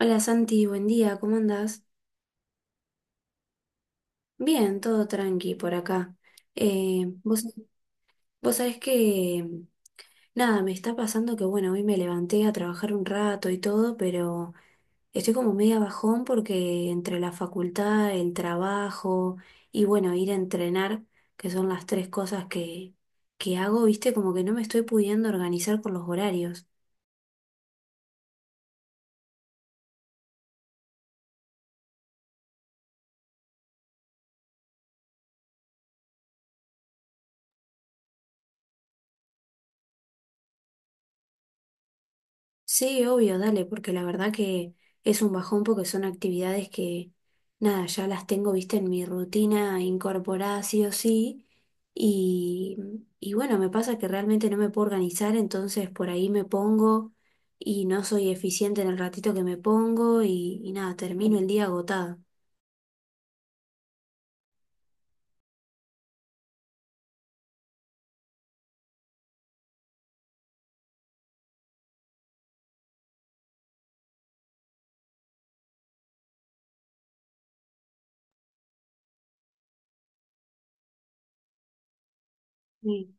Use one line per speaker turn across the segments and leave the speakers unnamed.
Hola Santi, buen día, ¿cómo andás? Bien, todo tranqui por acá. Eh, vos, vos sabés que, nada, me está pasando que, bueno, hoy me levanté a trabajar un rato y todo, pero estoy como media bajón porque entre la facultad, el trabajo y, bueno, ir a entrenar, que son las tres cosas que hago, viste, como que no me estoy pudiendo organizar con los horarios. Sí, obvio, dale, porque la verdad que es un bajón porque son actividades que, nada, ya las tengo, viste, en mi rutina incorporada sí o sí. Y, y bueno, me pasa que realmente no me puedo organizar, entonces por ahí me pongo y no soy eficiente en el ratito que me pongo y nada, termino el día agotada. Sí.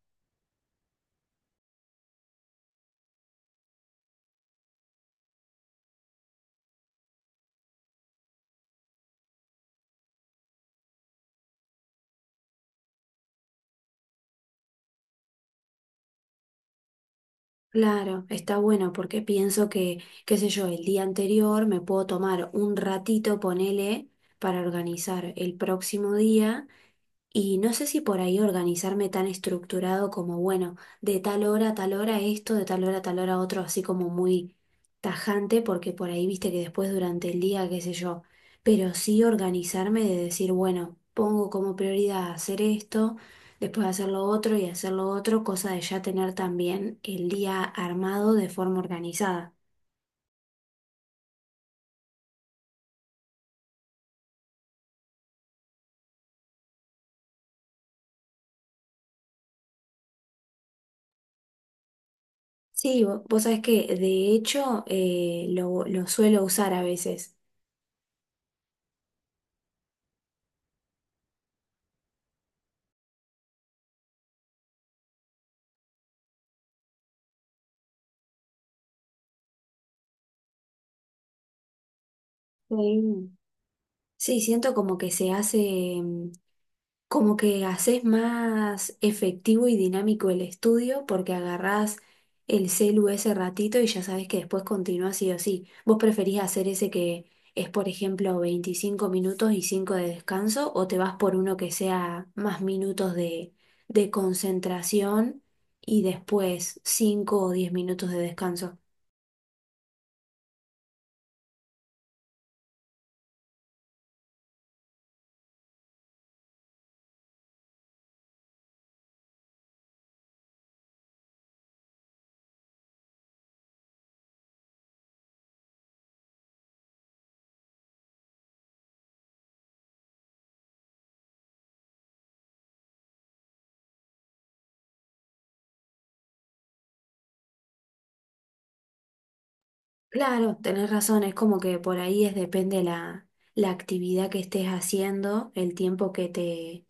Claro, está bueno porque pienso que, qué sé yo, el día anterior me puedo tomar un ratito, ponele, para organizar el próximo día. Y no sé si por ahí organizarme tan estructurado como, bueno, de tal hora a tal hora esto, de tal hora a tal hora otro, así como muy tajante, porque por ahí viste que después durante el día, qué sé yo, pero sí organizarme de decir, bueno, pongo como prioridad hacer esto, después hacer lo otro y hacer lo otro, cosa de ya tener también el día armado de forma organizada. Sí, vos sabés que de hecho lo suelo usar a veces. Sí. Sí, siento como que se hace, como que haces más efectivo y dinámico el estudio porque agarrás el celu ese ratito y ya sabes que después continúa sí o sí. ¿Vos preferís hacer ese que es, por ejemplo, 25 minutos y 5 de descanso o te vas por uno que sea más minutos de concentración y después 5 o 10 minutos de descanso? Claro, tenés razón, es como que por ahí es depende la, la actividad que estés haciendo, el tiempo que te,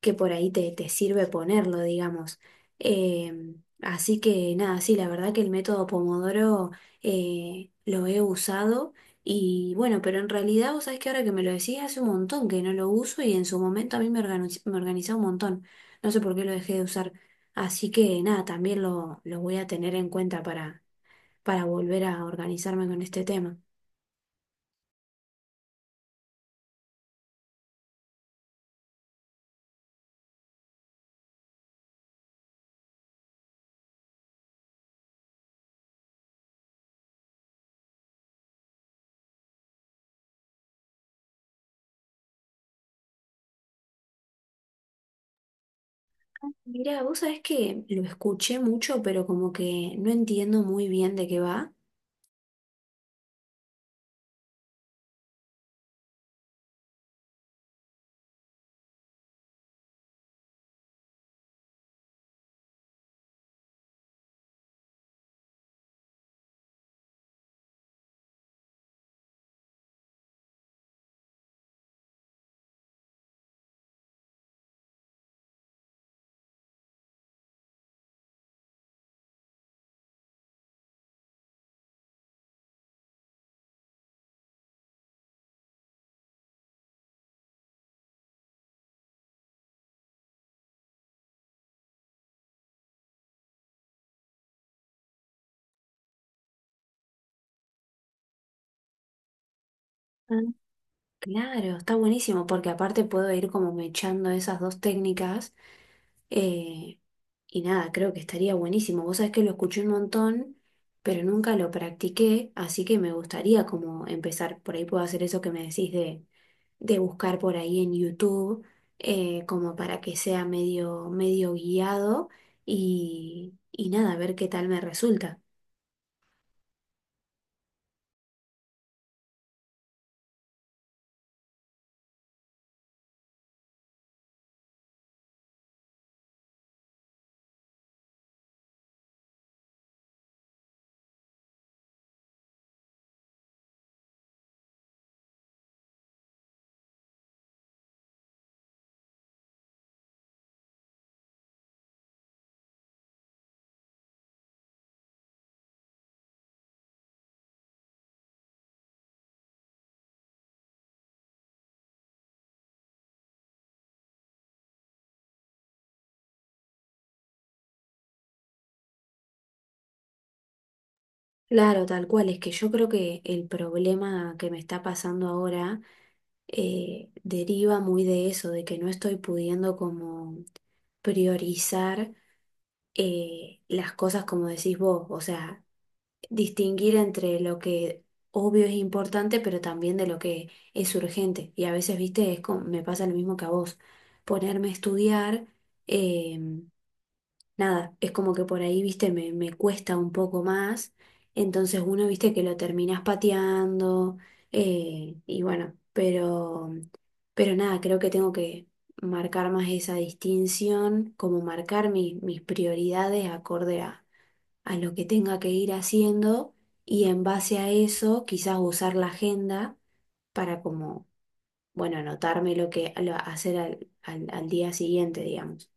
que por ahí te, te sirve ponerlo, digamos. Eh, así que nada, sí, la verdad que el método Pomodoro lo he usado y bueno, pero en realidad vos sabés que ahora que me lo decís hace un montón que no lo uso y en su momento a mí me organizaba un montón. No sé por qué lo dejé de usar. Así que nada, también lo voy a tener en cuenta para volver a organizarme con este tema. Mirá, vos sabés que lo escuché mucho, pero como que no entiendo muy bien de qué va. Ah, Claro, está buenísimo, porque aparte puedo ir como mechando esas dos técnicas. Eh, y nada, creo que estaría buenísimo. Vos sabés que lo escuché un montón, pero nunca lo practiqué, así que me gustaría como empezar. Por ahí puedo hacer eso que me decís de buscar por ahí en YouTube, como para que sea medio, medio guiado y nada, ver qué tal me resulta. Claro, tal cual, es que yo creo que el problema que me está pasando ahora deriva muy de eso, de que no estoy pudiendo como priorizar, las cosas como decís vos, o sea, distinguir entre lo que obvio es importante, pero también de lo que es urgente. Y a veces, viste, es como, me pasa lo mismo que a vos, ponerme a estudiar. em, Nada, es como que por ahí, viste, me cuesta un poco más. Entonces uno, viste, que lo terminás pateando. Y bueno, pero nada, creo que tengo que marcar más esa distinción, como marcar mis prioridades acorde a lo que tenga que ir haciendo. Y en base a eso, quizás usar la agenda para como, bueno, anotarme lo que hacer al al día siguiente, digamos.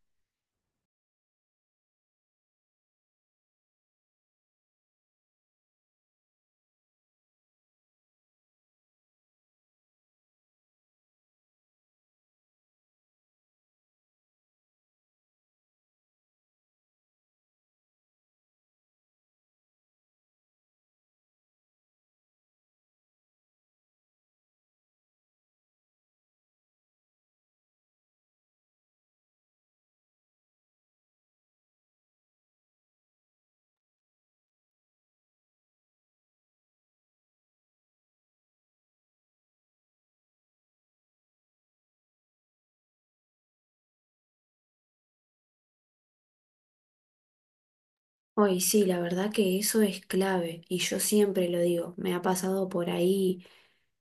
Hoy sí, la verdad que eso es clave y yo siempre lo digo, me ha pasado por ahí,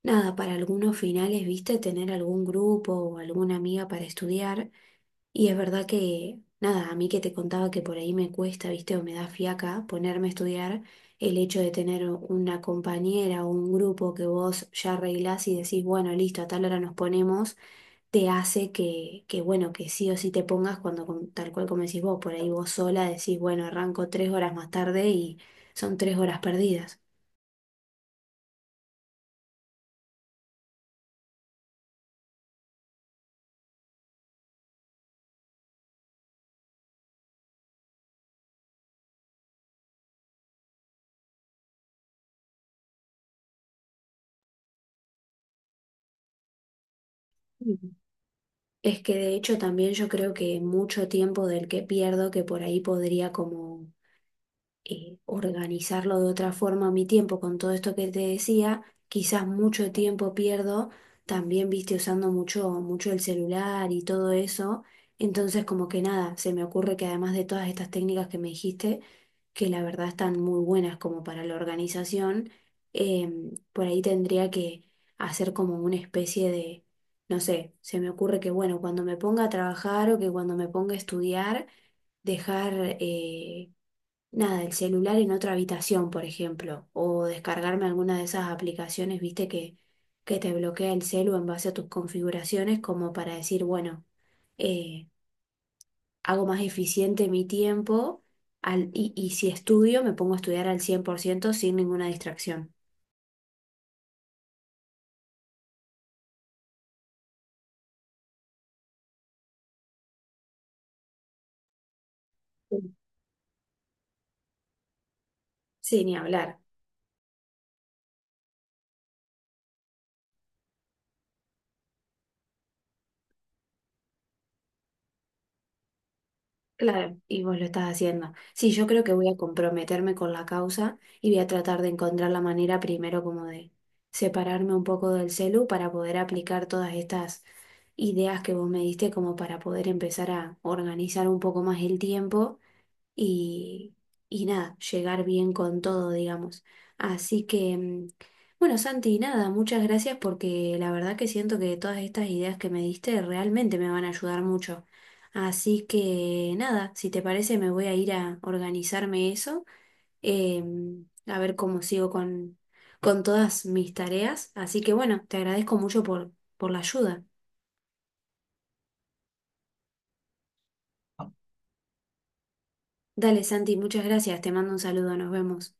nada, para algunos finales, viste, tener algún grupo o alguna amiga para estudiar y es verdad que, nada, a mí que te contaba que por ahí me cuesta, viste, o me da fiaca ponerme a estudiar, el hecho de tener una compañera o un grupo que vos ya arreglás y decís, bueno, listo, a tal hora nos ponemos te hace que, bueno, que sí o sí te pongas cuando, tal cual como decís vos, por ahí vos sola decís, bueno, arranco 3 horas más tarde y son 3 horas perdidas. Mm. Es que de hecho también yo creo que mucho tiempo del que pierdo, que por ahí podría como organizarlo de otra forma mi tiempo con todo esto que te decía, quizás mucho tiempo pierdo también, viste, usando mucho, mucho el celular y todo eso. Entonces, como que nada, se me ocurre que además de todas estas técnicas que me dijiste, que la verdad están muy buenas como para la organización, por ahí tendría que hacer como una especie de, no sé, se me ocurre que bueno, cuando me ponga a trabajar o que cuando me ponga a estudiar, dejar nada, el celular en otra habitación, por ejemplo, o descargarme alguna de esas aplicaciones, viste, que te bloquea el celu en base a tus configuraciones, como para decir, bueno, eh, hago más eficiente mi tiempo y si estudio, me pongo a estudiar al 100% sin ninguna distracción. Sí, sí, ni hablar. Claro, y vos lo estás haciendo. Sí, yo creo que voy a comprometerme con la causa y voy a tratar de encontrar la manera primero como de separarme un poco del celu para poder aplicar todas estas ideas que vos me diste como para poder empezar a organizar un poco más el tiempo y, y nada, llegar bien con todo, digamos. Así que, bueno, Santi, nada, muchas gracias porque la verdad que siento que todas estas ideas que me diste realmente me van a ayudar mucho. Así que, nada, si te parece me voy a ir a organizarme eso, eh, a ver cómo sigo con todas mis tareas. Así que, bueno, te agradezco mucho por la ayuda. Dale, Santi, muchas gracias, te mando un saludo, nos vemos.